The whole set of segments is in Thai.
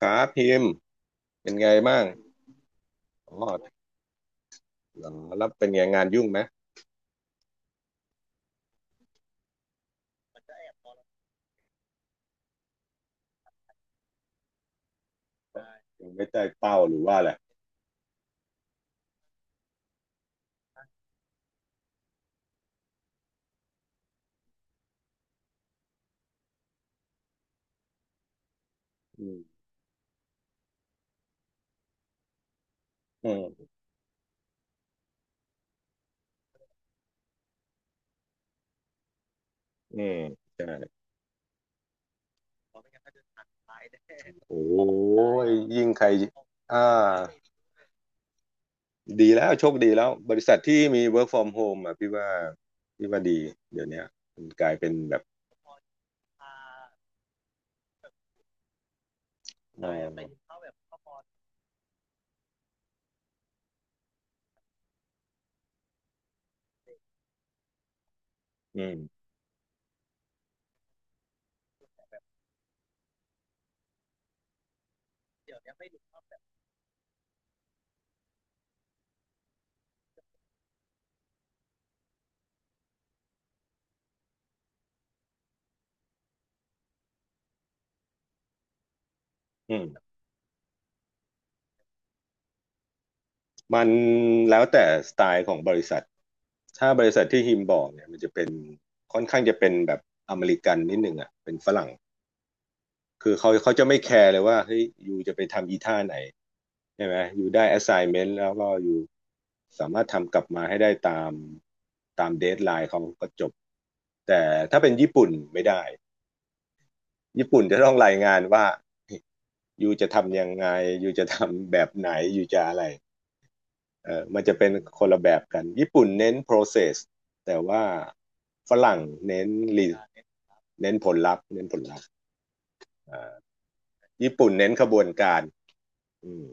ครับพิมพ์เป็นไงบ้างอ๋อเหรัแล้วเป็นไงงานยุ่งไหมยังไม่ได้เป้าหรือว่าแหละไรอืมอืมใช่โอ้ยยิ่งใครอ่าดีแล้วโชคดีแล้วบริษัทที่มี work from home อ่ะพี่ว่าพี่ว่าดีเดี๋ยวเนี้ยมันกลายเป็นแบบอ่าอืมอืมมันแล้วแต่สไตล์ของบริษัทถ้าบริษัทที่ฮิมบอกเนี่ยมันจะเป็นค่อนข้างจะเป็นแบบอเมริกันนิดหนึ่งอ่ะเป็นฝรั่ง คือเขาจะไม่แคร์เลยว่าเฮ้ยอยูจะไปทำอีท่าไหนใช่ไหมอยูได้ assignment แล้วก็อยูสามารถทำกลับมาให้ได้ตามเดทไลน์เขาก็จบแต่ถ้าเป็นญี่ปุ่นไม่ได้ญี่ปุ่นจะต้องรายงานว่า อยูจะทำยังไงอยูจะทำแบบไหนอยูจะอะไรเออมันจะเป็นคนละแบบกันญี่ปุ่นเน้น process แต่ว่าฝรั่งเน้น re- เน้นผลลัพธ์เน้นผลลัพธ์อ่าญี่ปุ่นเน้นขบวนการอืม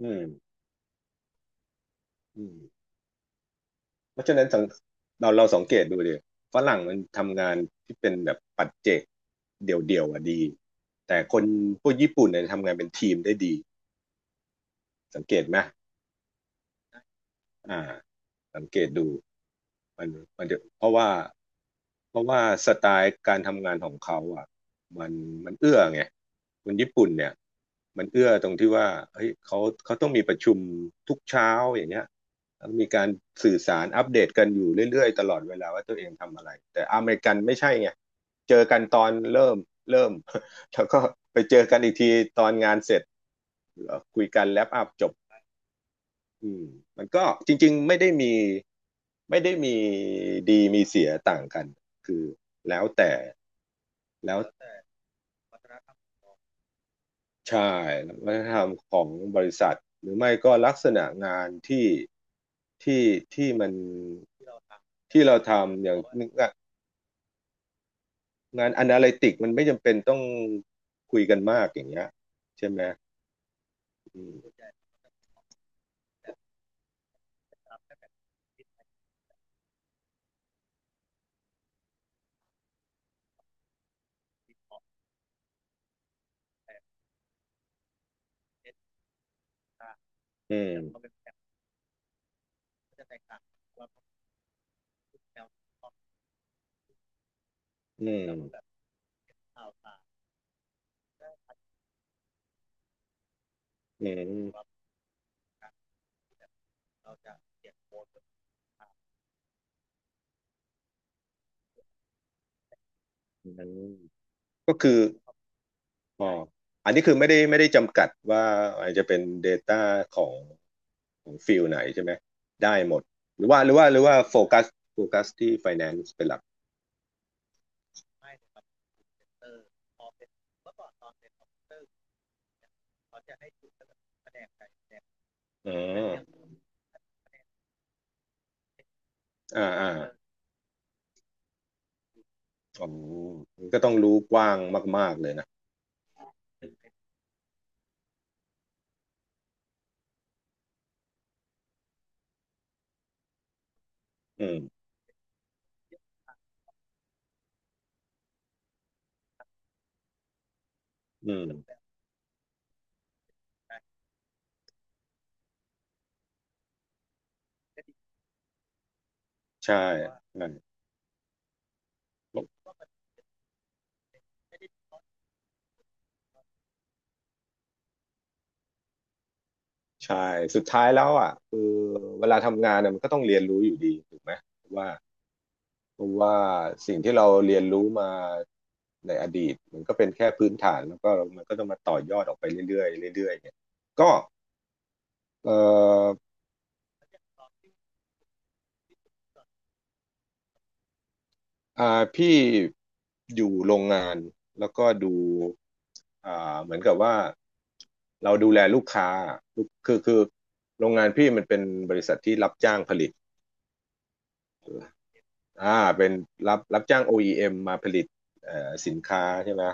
อืม อืมเพราะฉะนั้นเราสังเกตดูดิฝรั่งมันทำงานที่เป็นแบบปัจเจกเดี่ยวๆอ่ะดีแต่คนพวกญี่ปุ่นเนี่ยทำงานเป็นทีมได้ดีสังเกตไหมอ่าสังเกตดู มันมันจะเพราะว่าเพราะว่าสไตล์การทำงานของเขาอ่ะมันมันเอื้อไงคนญี่ปุ่นเนี่ยมันเอื้อตรงที่ว่าเฮ้ยเขาต้องมีประชุมทุกเช้าอย่างเงี้ยแล้วมีการสื่อสารอัปเดตกันอยู่เรื่อยๆตลอดเวลาว่าตัวเองทำอะไรแต่อเมริกันไม่ใช่ไงเจอกันตอนเริ่มเริ่ม แล้วก็ไปเจอกันอีกทีตอนงานเสร็จคุยกันแลปอัพจบ อืมมันก็จริงๆไม่ได้มีดีมีเสียต่างกันคือแล้วแต่แล้วใช่วัฒนธรรมของบริษัทหรือไม่ก็ลักษณะงานที่ที่มันที่เราทำอย่างงานอนาลิติกมันไม่จำเป็นต้องคุยกันมากอย่างเงี้ยใช่ไหมอืมอืมอืมอืมอืมก็คือ อ๋ออันนี้คือไม่ได้จำกัดว่าอาจจะเป็น Data ของของฟิลไหนใช่ไหมได้หมดหรือว่าโฟกัสโฟกัสที่ Finance เป็นหลักอืมอ่าอ่าอ๋อมันก็ต้องรู้กว้างมากๆเลยนะอืมอืมใช่ใช่ใช่สุดท้ายแล้วอ่ะคือเวลาทำงานเนี่ยมันก็ต้องเรียนรู้อยู่ดีถูกไหมว่า เพราะว่าสิ่งที่เราเรียนรู้มาในอดีตมันก็เป็นแค่พื้นฐานแล้วก็มันก็ต้องมาต่อยอดออกไปเรื่อยๆเรื่อยๆเนี่ยก็เอ่ออ่าพี่อยู่โรงงานแล้วก็ดูเหมือนกับว่าเราดูแลลูกค้าลูกคือโรงงานพี่มันเป็นบริษัทที่รับจ้างผลิต อ่าเป็นรับจ้าง OEM มมาผลิตเอ่อสินค้าใช่ไหม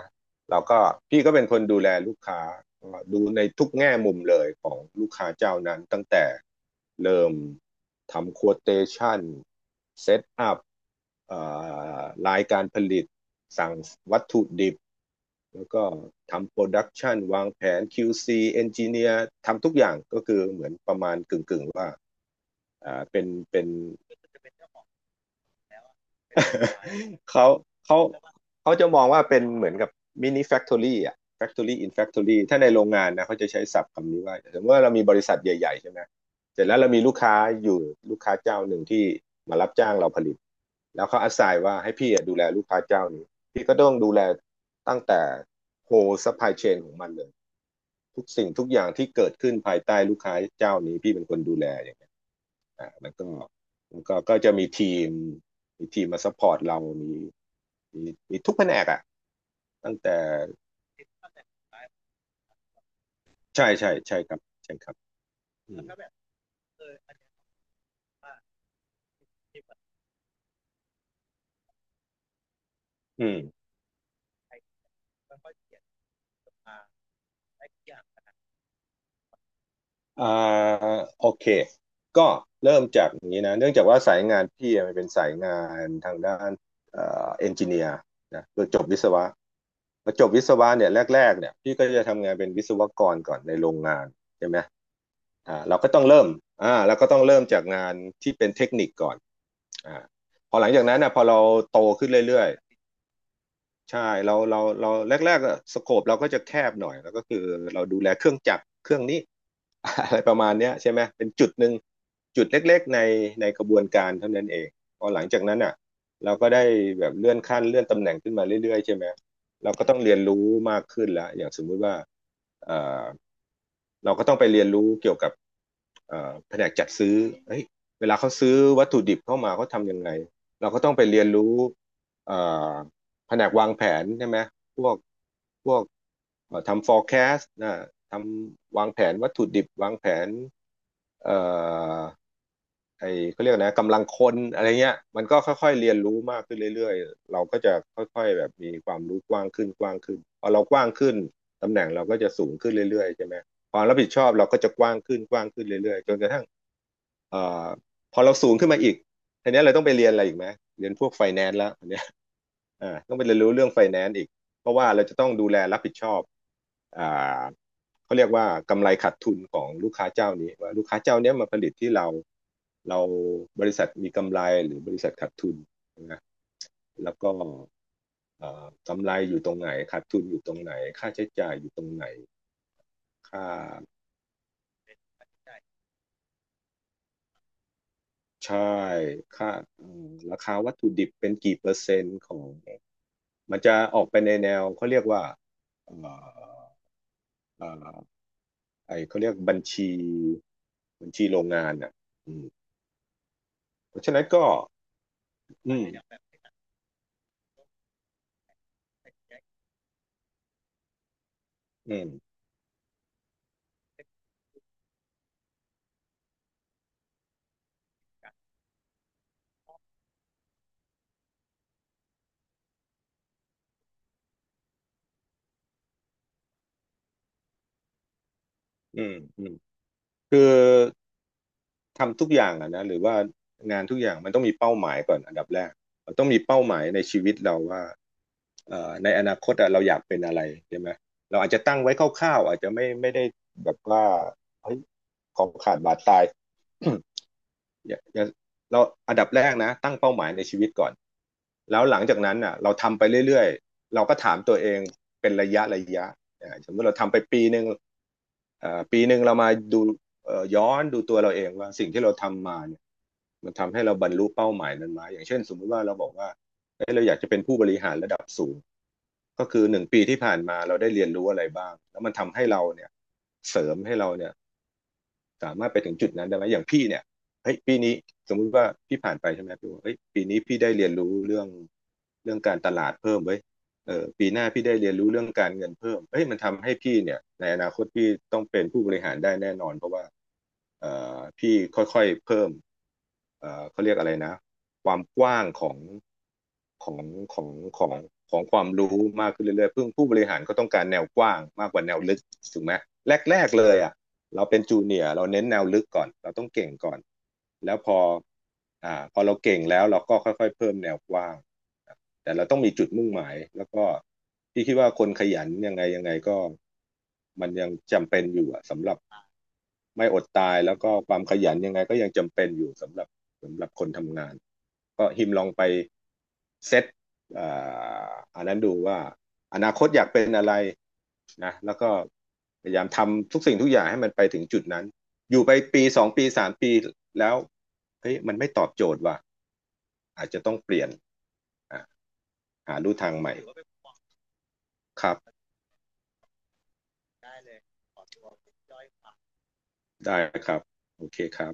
เราก็พี่ก็เป็นคนดูแลลูกค้าก็ดูในทุกแง่มุมเลยของลูกค้าเจ้านั้นตั้งแต่เริ่มทำ quotation เซตอัพเอ่อรายการผลิตสั่งวัตถุดิบแล้วก็ทำโปรดักชันวางแผน QC เอนจิเนียร์ทำทุกอย่างก็คือเหมือนประมาณกึ่งๆว่าอ่าเป็นเป็น เขาเขาเขาจะมองว่าเป็นเหมือนกับมินิแฟคทอรี่อ่ะแฟ c t อรี่อินแฟ o r อรี่ถ้าในโรงงานนะเขาจะใช้ศัพท์คำนี้ว่าสมมติว่าเรามีบริษัทใหญ่ๆใช่ไหมเสร็จแล้วเรามีลูกค้าอยู่ลูกค้าเจ้าหนึ่งที่มารับจ้างเราผลิตแล้วเขาอาศัยว่าให้พี่อะดูแลลูกค้าเจ้านี้พี่ก็ต้องดูแลตั้งแต่โฮซัพพลายเชนของมันเลยทุกสิ่งทุกอย่างที่เกิดขึ้นภายใต้ลูกค้าเจ้านี้พี่เป็นคนดูแลอย่าง อ่าแล้วก็แล้วก็ก็จะมีทีมมีทีมมาซัพพอร์ตเรามีมีทุกแผนกอ่ะตั้งแต่ใช่ครับใช่ครับอืมอืม อ่าโอเคก็เริ่มจากอย่างนี้นะเนื่องจากว่าสายงานพี่มันเป็นสายงานทางด้านเอ่อเอนจิเนียร์นะคือจบวิศวะพอจบวิศวะเนี่ยแรกๆเนี่ยพี่ก็จะทำงานเป็นวิศวกรก่อนในโรงงานใช่ไหมอ่าเราก็ต้องเริ่มอ่าเราก็ต้องเริ่มจากงานที่เป็นเทคนิคก่อนอ่าพอหลังจากนั้นนะพอเราโตขึ้นเรื่อย ใช่เราแรกๆอะสโคปเราก็จะแคบหน่อยแล้วก็คือเราดูแลเครื่องจักรเครื่องนี้ อะไรประมาณเนี้ยใช่ไหมเป็นจุดหนึ่งจุดเล็กๆในกระบวนการเท่านั้นเองพอหลังจากนั้นอ่ะเราก็ได้แบบเลื่อนขั้นเลื่อนตำแหน่งขึ้นมาเรื่อยๆใช่ไหมเราก็ต้องเรียนรู้มากขึ้นละอย่างสมมุติว่าเอ่อเราก็ต้องไปเรียนรู้เกี่ยวกับแผนกจัดซื้อเฮ้ยเวลาเขาซื้อวัตถุดิบเข้ามาเขาทำยังไงเราก็ต้องไปเรียนรู้เอ่อ แผนกวางแผนใช่ไหมพวกพวกทำ forecast นะทำวางแผนวัตถุดิบวางแผนเอ่อ ไอ้เขาเรียกนะกำลังคนอะไรเงี้ยมันก็ค่อยๆเรียนรู้มากขึ้นเรื่อยๆเราก็จะค่อยๆแบบมีความรู้กว้างขึ้นกว้างขึ้นพอเรากว้างขึ้นตำแหน่งเราก็จะสูงขึ้นเรื่อยๆใช่ไหมความรับผิดชอบเราก็จะกว้างขึ้นกว้างขึ้นเรื่อยๆจนกระทั่งเอ่อพอเราสูงขึ้นมาอีกทีนี้เราต้องไปเรียนอะไรอีกไหมเรียนพวกไฟแนนซ์แล้วอันเนี้ยต้องไปเรียนรู้เรื่องไฟแนนซ์อีกเพราะว่าเราจะต้องดูแลรับผิดชอบอ่า เขาเรียกว่ากำไรขาดทุนของลูกค้าเจ้านี้ว่าลูกค้าเจ้านี้มาผลิตที่เราเราบริษัทมีกำไรหรือบริษัทขาดทุนนะแล้วก็กำไรอยู่ตรงไหนขาดทุนอยู่ตรงไหนค่าใช้จ่ายอยู่ตรงไหนค่าใช่ค่า่ราคาวัตถุดิบเป็นกี่เปอร์เซ็นต์ของมันจะออกไปในแนวเขาเรียกว่าเไอเขาเรียกบัญชีบัญชีโรงงานอ่ะเพราะฉะนั้นก็ อืมนี้อืมอืมอืมคือทำทุกอย่างอะนะหรือว่างานทุกอย่างมันต้องมีเป้าหมายก่อนอันดับแรกเราต้องมีเป้าหมายในชีวิตเราว่าในอนาคตอะเราอยากเป็นอะไรใช่ไหมเราอาจจะตั้งไว้คร่าวๆอาจจะไม่ได้แบบว่าเฮ้ยของขาดบาดตาย อย่าอย่าเราอันดับแรกนะตั้งเป้าหมายในชีวิตก่อนแล้วหลังจากนั้นอ่ะเราทำไปเรื่อยๆเราก็ถามตัวเองเป็นระยะระยะสมมติเราทำไปปีหนึ่งปีหนึ่งเรามาดูย้อนดูตัวเราเองว่าสิ่งที่เราทำมาเนี่ยมันทำให้เราบรรลุเป้าหมายนั้นไหมอย่างเช่นสมมติว่าเราบอกว่าเอ้ยเราอยากจะเป็นผู้บริหารระดับสูงก็คือหนึ่งปีที่ผ่านมาเราได้เรียนรู้อะไรบ้างแล้วมันทำให้เราเนี่ยเสริมให้เราเนี่ย สามารถไปถึงจุดนั้นได้ไหมอย่างพี่เนี่ยเฮ้ยปีนี้สมมุติว่าพี่ผ่านไปใช่ไหมพี่บอกเฮ้ยปีนี้พี่ได้เรียนรู้เรื่องการตลาดเพิ่มเว้ยเออปีหน้าพี่ได้เรียนรู้เรื่องการเงินเพิ่มเฮ้ยมันทำให้พี่เนี่ยในอนาคตพี่ต้องเป็นผู้บริหารได้แน่นอนเพราะว่าเอ่พี่ค่อยๆเพิ่มเขาเรียกอะไรนะความกว้างของของของของความรู้มากขึ้นเรื่อยๆเพิ่งผู้บริหารก็ต้องการแนวกว้างมากกว่าแนวลึกถูกไหมแรกๆเลยอ่ะ เราเป็นจูเนียร์เราเน้นแนวลึกก่อนเราต้องเก่งก่อนแล้วพอเราเก่งแล้วเราก็ค่อยๆเพิ่มแนวกว้างแต่เราต้องมีจุดมุ่งหมายแล้วก็พี่คิดว่าคนขยันยังไงยังไงก็มันยังจำเป็นอยู่อะสำหรับ ไม่อดตายแล้วก็ความขยันยังไงก็ยังจำเป็นอยู่สำหรับคนทำงานก็ฮิมลองไปเซตเอ่าอันนั้นดูว่าอนาคตอยากเป็นอะไรนะแล้วก็พยายามทำทุกสิ่งทุกอย่างให้มันไปถึงจุดนั้นอยู่ไปปีสองปีสามปีแล้วเฮ้ยมันไม่ตอบโจทย์ว่ะอาจจะต้องเปลี่ยนอ่ะหาลู่ทางใหม่ครับได้ครับโอเคครับ